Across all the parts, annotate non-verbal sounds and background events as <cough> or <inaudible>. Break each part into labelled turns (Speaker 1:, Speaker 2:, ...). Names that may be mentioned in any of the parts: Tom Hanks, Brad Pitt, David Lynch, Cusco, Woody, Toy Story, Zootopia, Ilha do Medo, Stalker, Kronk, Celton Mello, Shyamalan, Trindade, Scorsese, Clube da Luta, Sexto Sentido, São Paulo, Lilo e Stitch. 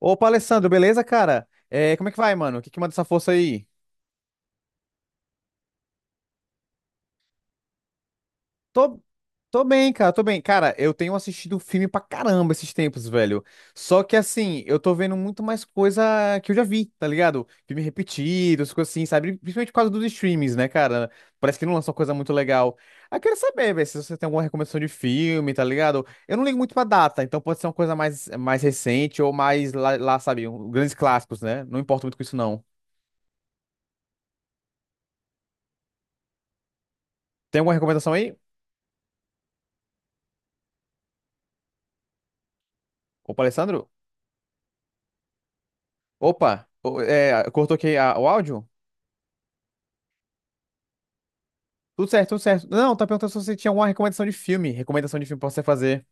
Speaker 1: Opa, Alessandro, beleza, cara? É, como é que vai, mano? O que que manda essa força aí? Tô, tô bem, cara, tô bem. Cara, eu tenho assistido filme pra caramba esses tempos, velho. Só que, assim, eu tô vendo muito mais coisa que eu já vi, tá ligado? Filme repetido, essas coisas assim, sabe? Principalmente por causa dos streams, né, cara? Parece que não lançou coisa muito legal. Aí eu quero saber, velho, se você tem alguma recomendação de filme, tá ligado? Eu não ligo muito pra data, então pode ser uma coisa mais, mais recente ou mais lá, sabe, grandes clássicos, né? Não importa muito com isso, não. Tem alguma recomendação aí? Opa, Alessandro? Opa, é, cortou aqui o áudio? Tudo certo, tudo certo. Não, tá perguntando se você tinha alguma recomendação de filme. Recomendação de filme pra você fazer.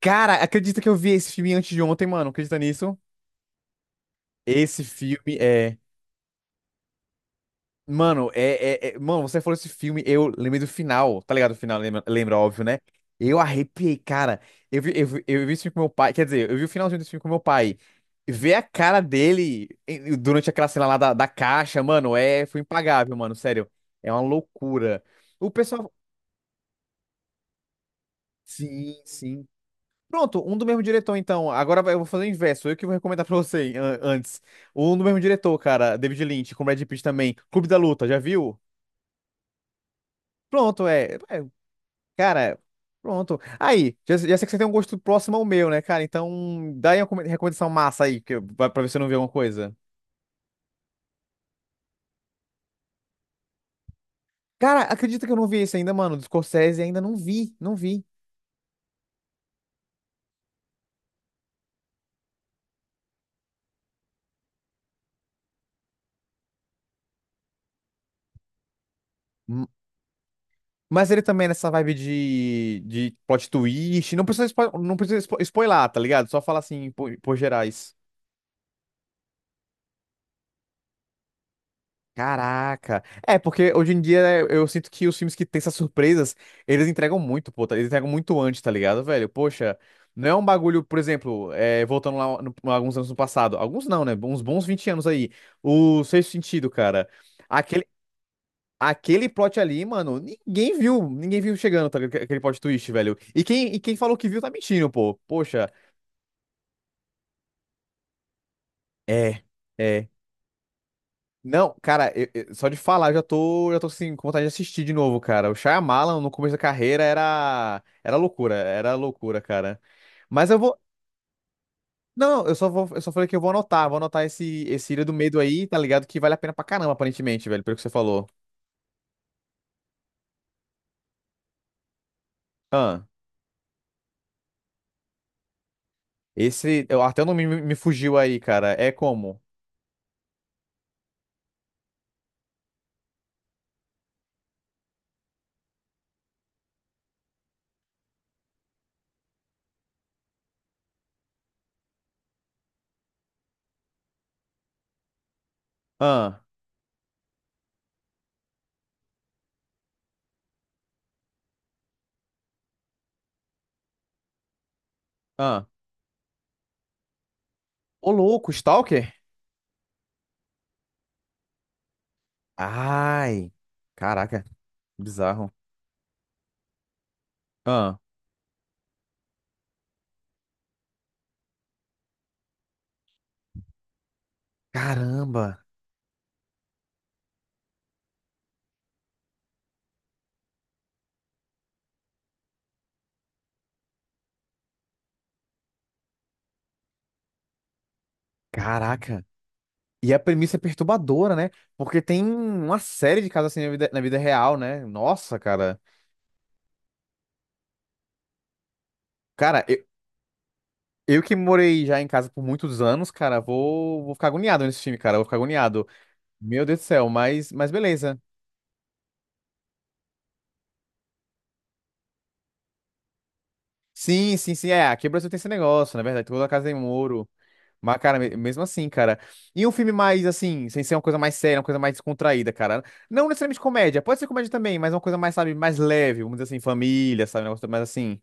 Speaker 1: Cara, acredita que eu vi esse filme antes de ontem, mano? Acredita nisso? Esse filme é. Mano, Mano, você falou esse filme, eu lembrei do final, tá ligado? O final lembra, óbvio, né? Eu arrepiei, cara. Eu vi esse filme com meu pai. Quer dizer, eu vi o finalzinho desse filme com meu pai. Ver a cara dele durante aquela cena lá da caixa, mano, é. Foi impagável, mano, sério. É uma loucura. O pessoal. Sim, sim. Pronto, um do mesmo diretor, então. Eu vou fazer o inverso. Eu que vou recomendar pra você antes. Um do mesmo diretor, cara. David Lynch, com Brad Pitt também. Clube da Luta, já viu? Pronto, é. É, Cara, pronto. Aí, já sei que você tem um gosto próximo ao meu, né, cara? Então, dá aí uma recomendação massa aí, que, pra ver se eu não vi alguma coisa. Cara, acredita que eu não vi esse ainda, mano. Do Scorsese ainda não vi, não vi. Mas ele também é nessa vibe de plot twist. Não precisa, não precisa spoilar, tá ligado? Só fala assim, por gerais. Caraca. É, porque hoje em dia é, eu sinto que os filmes que têm essas surpresas, eles entregam muito, pô. Eles entregam muito antes, tá ligado, velho? Poxa, não é um bagulho, por exemplo, é, voltando lá alguns anos no passado. Alguns não, né? Uns bons 20 anos aí. O Sexto Sentido, cara. Aquele plot ali, mano, ninguém viu chegando, tá, ligado? Aquele plot twist, velho. E quem falou que viu tá mentindo, pô. Poxa, é, é. Não, cara, só de falar eu já tô assim, com vontade de assistir de novo, cara. O Shyamalan no começo da carreira era loucura, era loucura, cara. Mas eu vou, não, não, eu só vou, eu só falei que eu vou anotar esse Ilha do Medo aí, tá ligado? Que vale a pena pra caramba, aparentemente, velho, pelo que você falou. Ah, esse, até o nome me fugiu aí, cara. É como? Ah. Ah. Ô, louco, Stalker? Ai, caraca, bizarro. Ah, caramba, caraca. E a premissa é perturbadora, né? Porque tem uma série de casos assim na vida real, né? Nossa, cara. Cara, eu que morei já em casa por muitos anos, cara, vou ficar agoniado nesse time, cara. Vou ficar agoniado. Meu Deus do céu, mas beleza. Sim, sim, sim. É, aqui no Brasil tem esse negócio, na verdade. Toda casa tem muro. Mas, cara, mesmo assim, cara. E um filme mais, assim, sem ser uma coisa mais séria, uma coisa mais descontraída, cara. Não necessariamente comédia, pode ser comédia também, mas uma coisa mais, sabe, mais leve, vamos dizer assim, família, sabe, um negócio mais assim.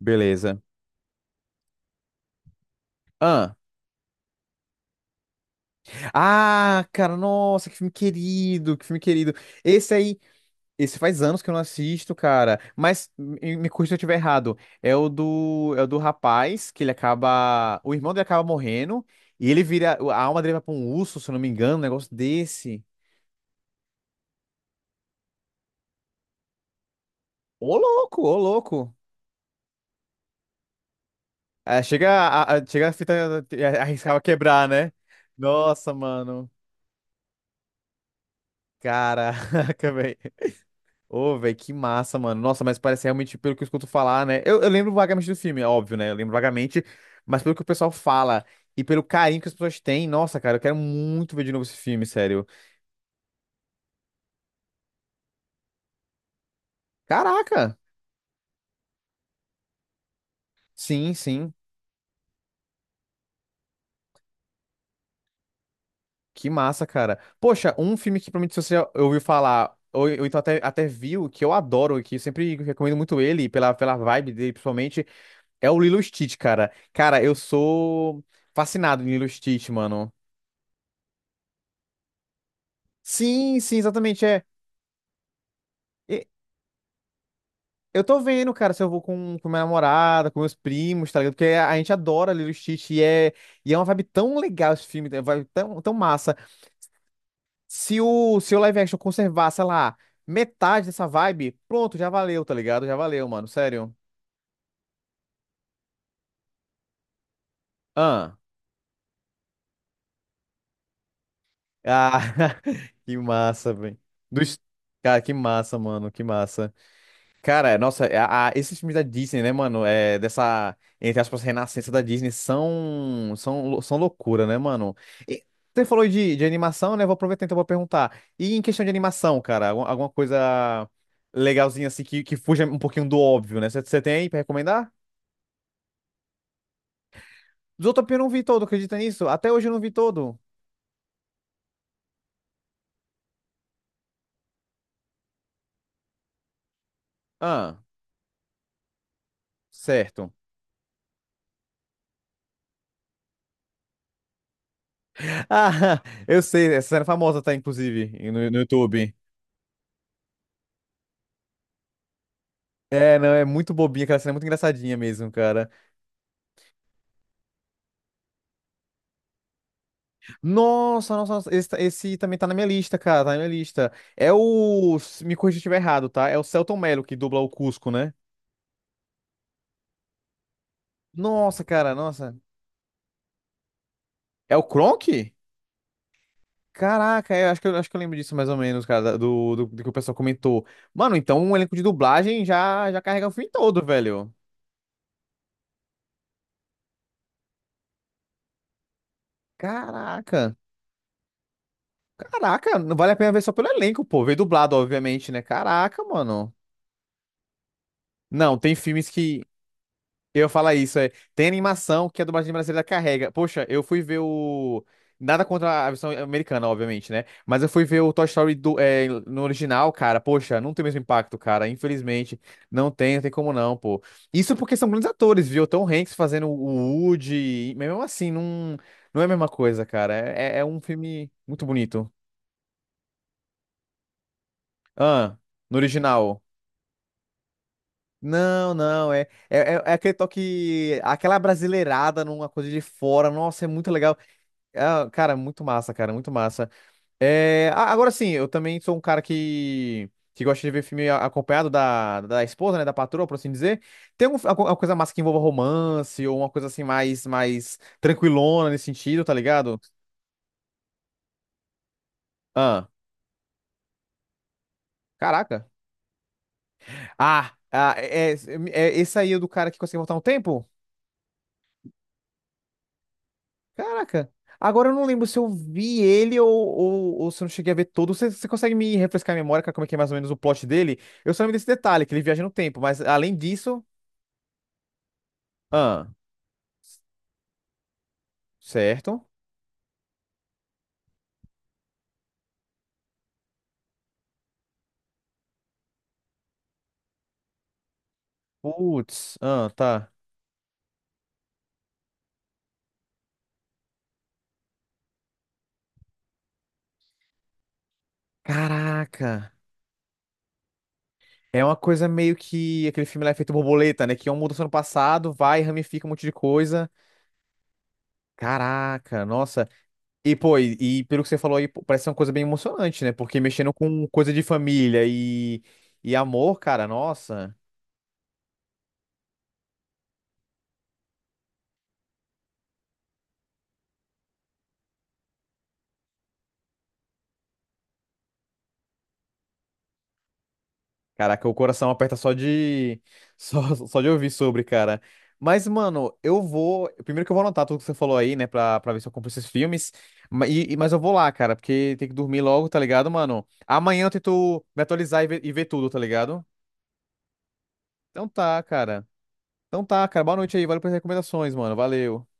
Speaker 1: Beleza. Ah. Ah, cara, nossa, que filme querido, que filme querido. Esse aí, esse faz anos que eu não assisto, cara. Mas me corrija se eu estiver errado. É o do rapaz que ele acaba, o irmão dele acaba morrendo e ele vira, a alma dele vai pra um urso, se eu não me engano, um negócio desse. Ô louco, ô louco. É, chega a fita e a arriscava quebrar, né? Nossa, mano. Caraca, <laughs> velho. Ô, velho, que massa, mano. Nossa, mas parece realmente, pelo que eu escuto falar, né? Eu lembro vagamente do filme, é óbvio, né? Eu lembro vagamente, mas pelo que o pessoal fala e pelo carinho que as pessoas têm, nossa, cara, eu quero muito ver de novo esse filme, sério. Caraca! Sim, sim. Que massa, cara. Poxa, um filme que provavelmente você já ouviu falar, ou então até, até viu, que eu adoro, que eu sempre recomendo muito ele, pela vibe dele principalmente, é o Lilo e Stitch, cara. Cara, eu sou fascinado em Lilo e Stitch, mano. Sim, sim, exatamente, é. E Eu tô vendo, cara, se eu vou com minha namorada, com meus primos, tá ligado? Porque a gente adora Lilo e Stitch e é uma vibe tão legal esse filme, é uma vibe tão massa. Se o live action conservar, sei lá, metade dessa vibe, pronto, já valeu, tá ligado? Já valeu, mano, sério. Ah, ah <laughs> que massa, velho. Dos... Cara, que massa, mano, que massa. Cara, nossa, esses filmes da Disney, né, mano, é, dessa, entre aspas, renascença da Disney são, são, são loucura, né, mano? E você falou de animação, né, vou aproveitar então pra perguntar. E em questão de animação, cara, alguma coisa legalzinha assim que fuja um pouquinho do óbvio, né? Você tem aí pra recomendar? Zootopia eu não vi todo, acredita nisso? Até hoje eu não vi todo. Ah, certo. Ah, <laughs> eu sei, essa cena é famosa tá, inclusive, no, no YouTube. É, não, é muito bobinha, aquela cena é muito engraçadinha mesmo, cara. Nossa, esse, tá, esse também tá na minha lista, cara, tá na minha lista. É o, me corrija se eu estiver errado, tá? É o Celton Mello que dubla o Cusco, né? Nossa, cara, nossa. É o Kronk? Caraca, eu acho que eu, acho que eu lembro disso mais ou menos, cara, do que o pessoal comentou. Mano, então o elenco de dublagem já carrega o filme todo, velho. Caraca. Caraca, não vale a pena ver só pelo elenco, pô. Veio dublado, obviamente, né? Caraca, mano. Não, tem filmes que. Eu falo isso, é. Tem animação que a dublagem brasileira carrega. Poxa, eu fui ver o. Nada contra a versão americana, obviamente, né? Mas eu fui ver o Toy Story do, é, no original, cara. Poxa, não tem o mesmo impacto, cara. Infelizmente. Não tem, não tem como não, pô. Isso porque são grandes atores, viu? Tom Hanks fazendo o Woody. Mas mesmo assim, não, não é a mesma coisa, cara. É um filme muito bonito. Ah, no original. Não, não, é é aquele toque, aquela brasileirada numa coisa de fora. Nossa, é muito legal. Ah, cara, muito massa, cara, muito massa. É, agora sim, eu também sou um cara que gosta de ver filme acompanhado da esposa, né, da patroa, por assim dizer. Tem alguma coisa massa que envolva romance ou uma coisa assim mais, mais tranquilona nesse sentido, tá ligado? Ah, caraca. Ah, é esse aí é do cara que consegue voltar no tempo? Caraca. Agora eu não lembro se eu vi ele ou se eu não cheguei a ver todo. Você consegue me refrescar a memória, cara, como é que é mais ou menos o plot dele? Eu só lembro desse detalhe, que ele viaja no tempo, mas além disso. Ah, certo. Putz, ah, tá. Caraca. É uma coisa meio que aquele filme lá é feito borboleta, né? Que um muda o ano passado, vai, ramifica um monte de coisa. Caraca, nossa. E pelo que você falou aí, pô, parece ser uma coisa bem emocionante, né? Porque mexendo com coisa de família e amor, cara, nossa. Caraca, o coração aperta só de <laughs> só de ouvir sobre, cara. Mas, mano, eu vou. Primeiro que eu vou anotar tudo que você falou aí, né? Pra ver se eu compro esses filmes. Mas eu vou lá, cara, porque tem que dormir logo, tá ligado, mano? Amanhã eu tento me atualizar e ver tudo, tá ligado? Então tá, cara. Então tá, cara. Boa noite aí. Valeu pelas recomendações, mano. Valeu.